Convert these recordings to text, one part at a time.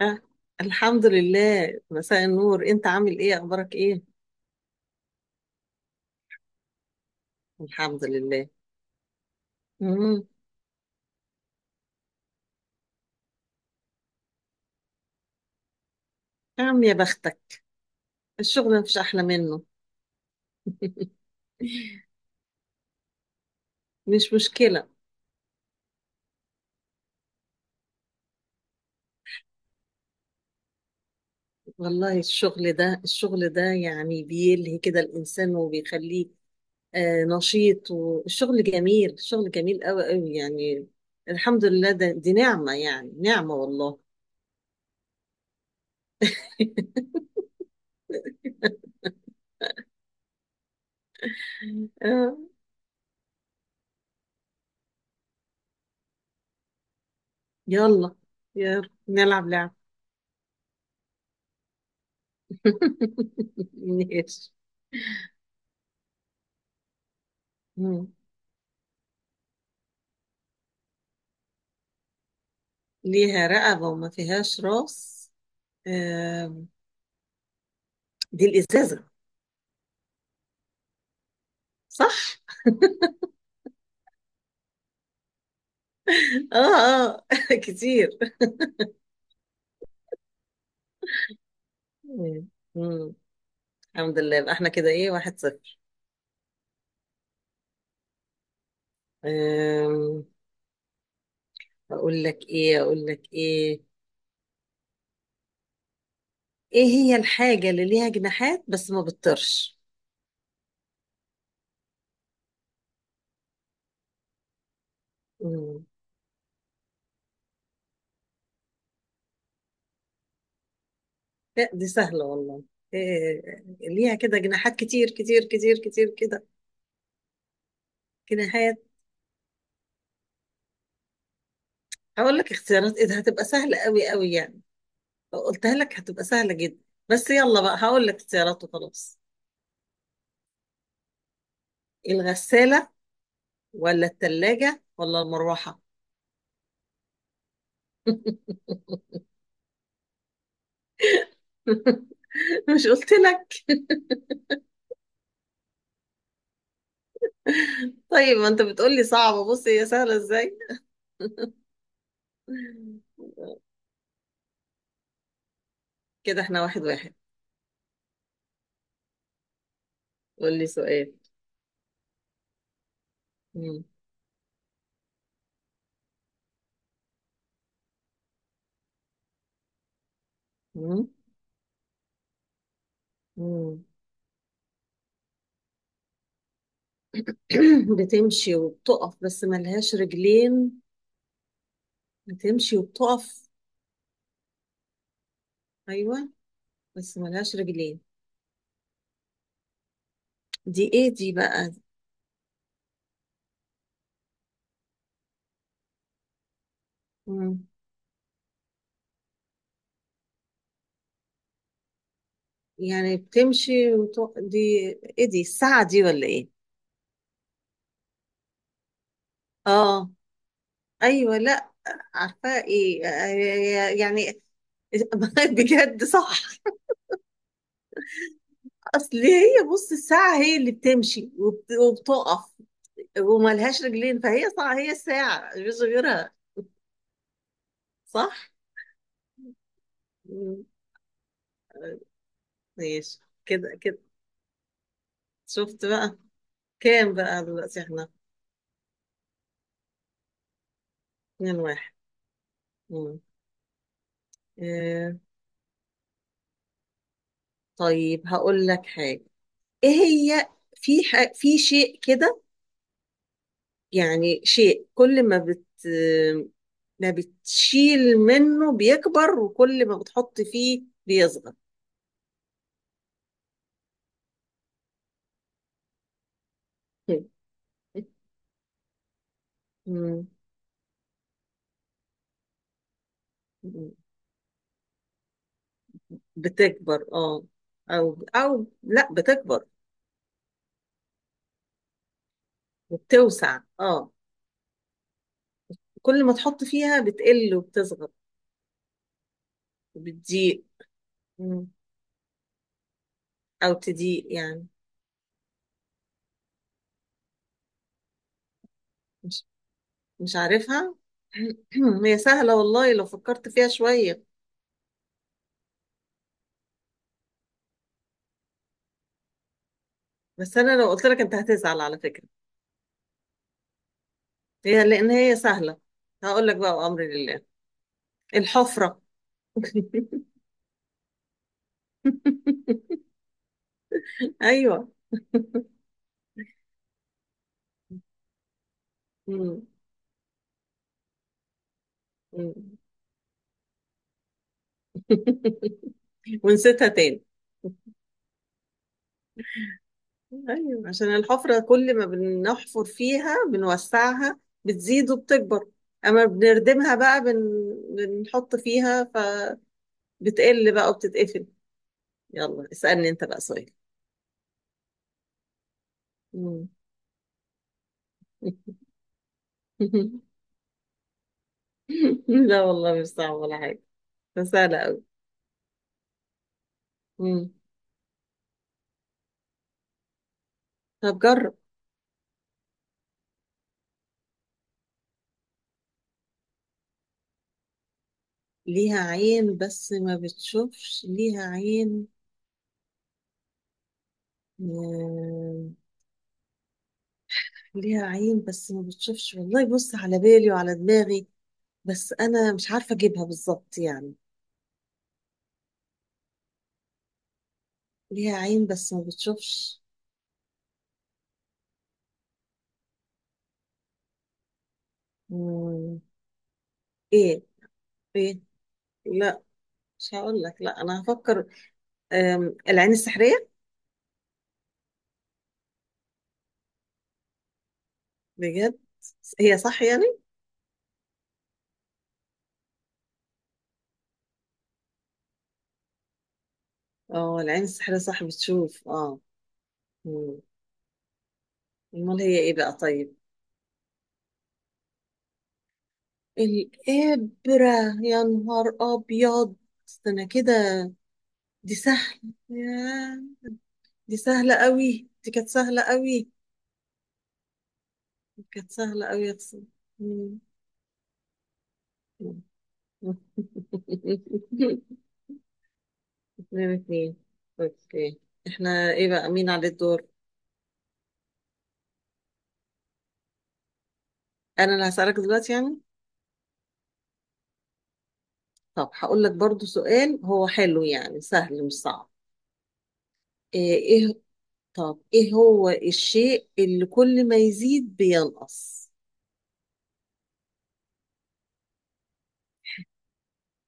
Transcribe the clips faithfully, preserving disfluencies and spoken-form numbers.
آه. الحمد لله، مساء النور، انت عامل ايه؟ اخبارك ايه؟ الحمد لله. امم يا عم يا بختك. الشغل مفيش احلى منه. مش مشكلة. والله الشغل ده الشغل ده يعني بيلهي كده الانسان وبيخليه. آه، نشيط. والشغل جميل الشغل جميل قوي قوي يعني. الحمد لله، ده دي نعمة، يعني نعمة والله. آه. يلا، يلا نلعب لعب. ماشي. ليها رقبة وما فيهاش راس. آم، دي الإزازة، صح؟ اه، اه، كتير. مم. مم. الحمد لله، يبقى احنا كده ايه، واحد صفر. آم، أقول لك ايه، أقول لك ايه، ايه هي الحاجة اللي ليها جناحات بس ما بتطيرش؟ مم. لا دي سهلة والله. إيه، ليها كده جناحات كتير كتير كتير كتير كده. جناحات. هقول لك اختيارات ايه؟ ده هتبقى سهلة قوي قوي يعني، لو قلتها لك هتبقى سهلة جدا. بس يلا بقى هقول لك اختيارات وخلاص. الغسالة، ولا التلاجة، ولا المروحة؟ مش قلت لك؟ طيب ما انت بتقولي صعبة، بص هي سهلة ازاي. كده احنا واحد واحد. قول لي سؤال. مم. مم. مم. بتمشي وبتقف بس ملهاش رجلين. بتمشي وبتقف، ايوه، بس ملهاش رجلين. دي ايه دي بقى؟ مم. يعني بتمشي وتو... دي. ايه دي، الساعة دي ولا ايه؟ اه، ايوه، لا، عارفة ايه آه، يعني. بجد صح. اصل هي بص، الساعة هي اللي بتمشي وبت... وبتقف وملهاش رجلين، فهي صح، هي الساعة مش غيرها. صح. مم، آه، ماشي كده كده. شفت بقى؟ كام بقى دلوقتي احنا؟ اتنين واحد. مم. آه، طيب هقول لك حاجة، ايه هي. في ح... في شيء كده، يعني شيء كل ما بت ما بتشيل منه بيكبر وكل ما بتحط فيه بيصغر. مم. بتكبر اه. او او لا، بتكبر وبتوسع، اه. كل ما تحط فيها بتقل وبتصغر وبتضيق. مم. او تضيق يعني. مش مش عارفها. هي سهلة والله لو فكرت فيها شوية. بس انا لو قلت لك انت هتزعل على فكرة، هي لان هي سهلة. هقول لك بقى وامر لله. الحفرة. أيوة. مم. مم. ونسيتها تاني. أيوة، عشان الحفرة كل ما بنحفر فيها بنوسعها بتزيد وبتكبر، أما بنردمها بقى بن... بنحط فيها، فبتقل بقى وبتتقفل. يلا اسألني أنت بقى سؤال. مم. لا والله مش صعب ولا حاجة، بس سهلة أوي. مم. طب جرب. ليها عين بس ما بتشوفش، ليها عين. آه، ليها عين بس ما بتشوفش، والله بص، على بالي وعلى دماغي، بس انا مش عارفه اجيبها بالظبط يعني. ليها عين بس ما بتشوفش. مم، ايه، ايه، لا، مش هقول لك، لا انا هفكر. آم، العين السحريه. بجد. هي صح يعني؟ اه، العين السحريه صح بتشوف، اه. مم. امال هي ايه بقى طيب؟ الابره، يا نهار ابيض. ده انا كده. دي سهل. دي سهلة قوي، دي كانت سهلة قوي. دي كانت سهلة قوي، اقسم. مم. مم. اتنين اتنين. اوكي. احنا ايه بقى، مين على الدور؟ انا اللي هسألك دلوقتي يعني. طب هقول لك برضو سؤال، هو حلو يعني، سهل مش صعب. ايه إيه- طب ايه هو الشيء اللي كل ما يزيد بينقص؟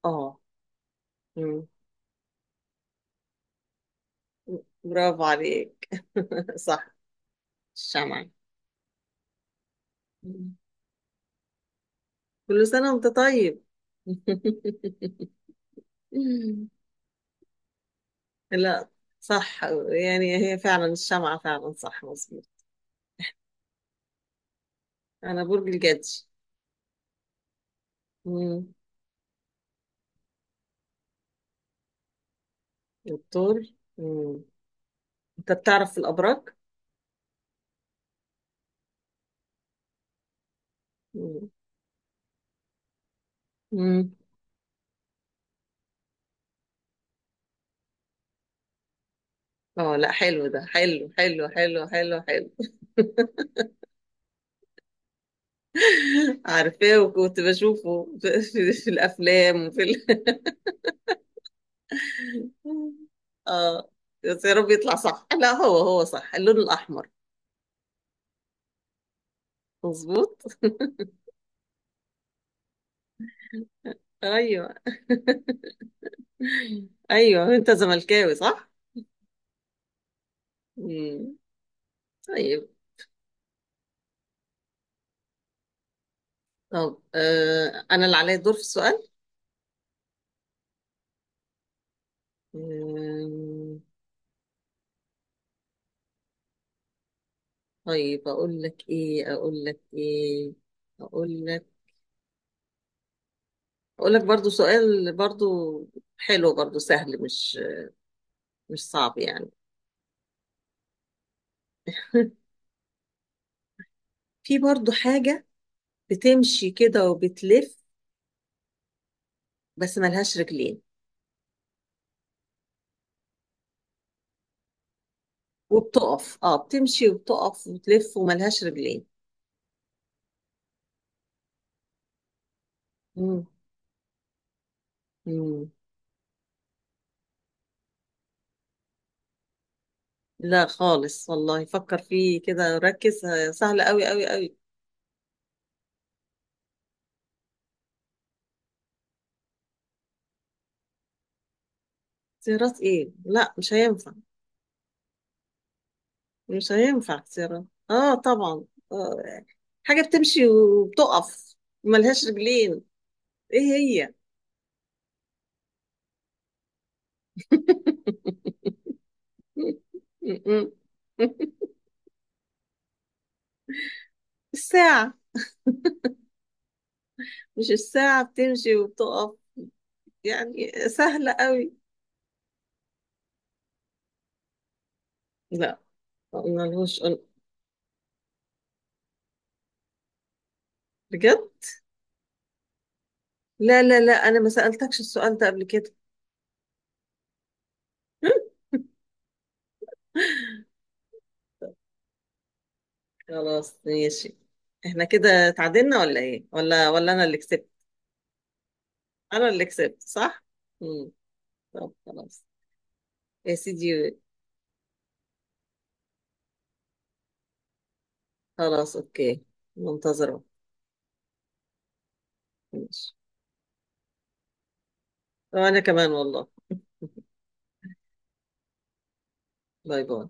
اه. مم. برافو عليك. صح. الشمع. مم. كل سنة وانت طيب. مم. لا، صح، يعني هي فعلا الشمعة، فعلا صح مظبوط. أنا برج الجدي. مم. الثور. مم. أنت بتعرف في الأبراج؟ مم. مم. اه، لا، حلو ده، حلو حلو حلو حلو حلو. عارفاه، وكنت بشوفه في, في, في الأفلام وفي ال... اه، بس يا رب يطلع صح. لا هو هو صح، اللون الأحمر. مظبوط. أيوه. أيوه، أنت زملكاوي صح؟ مم. طيب. طب آه انا اللي عليا الدور في السؤال. آه. طيب اقول لك ايه، اقول لك ايه، اقول لك، اقول لك برضو سؤال، برضو حلو، برضو سهل، مش مش صعب يعني. في برضو حاجة بتمشي كده وبتلف، بس ملهاش رجلين. وبتقف، اه، بتمشي وبتقف وتلف وملهاش رجلين. مم. مم. لا خالص والله، فكر فيه كده، ركز، آه، سهل قوي قوي قوي. زي راس ايه، لا مش هينفع. مش هينفع، كتيرة. اه طبعا. آه. حاجة بتمشي وبتقف، ملهاش رجلين. ايه هي؟ الساعة. مش الساعة بتمشي وبتقف؟ يعني سهلة قوي. لا. ملهوش قل- بجد. لا لا لا، انا ما سألتكش السؤال ده قبل كده. خلاص ماشي. احنا كده اتعادلنا ولا ايه، ولا ولا انا اللي كسبت؟ انا اللي كسبت، صح. مم. طب خلاص. يا سيدي. خلاص اوكي. منتظرة. ماشي. وانا كمان والله. باي باي.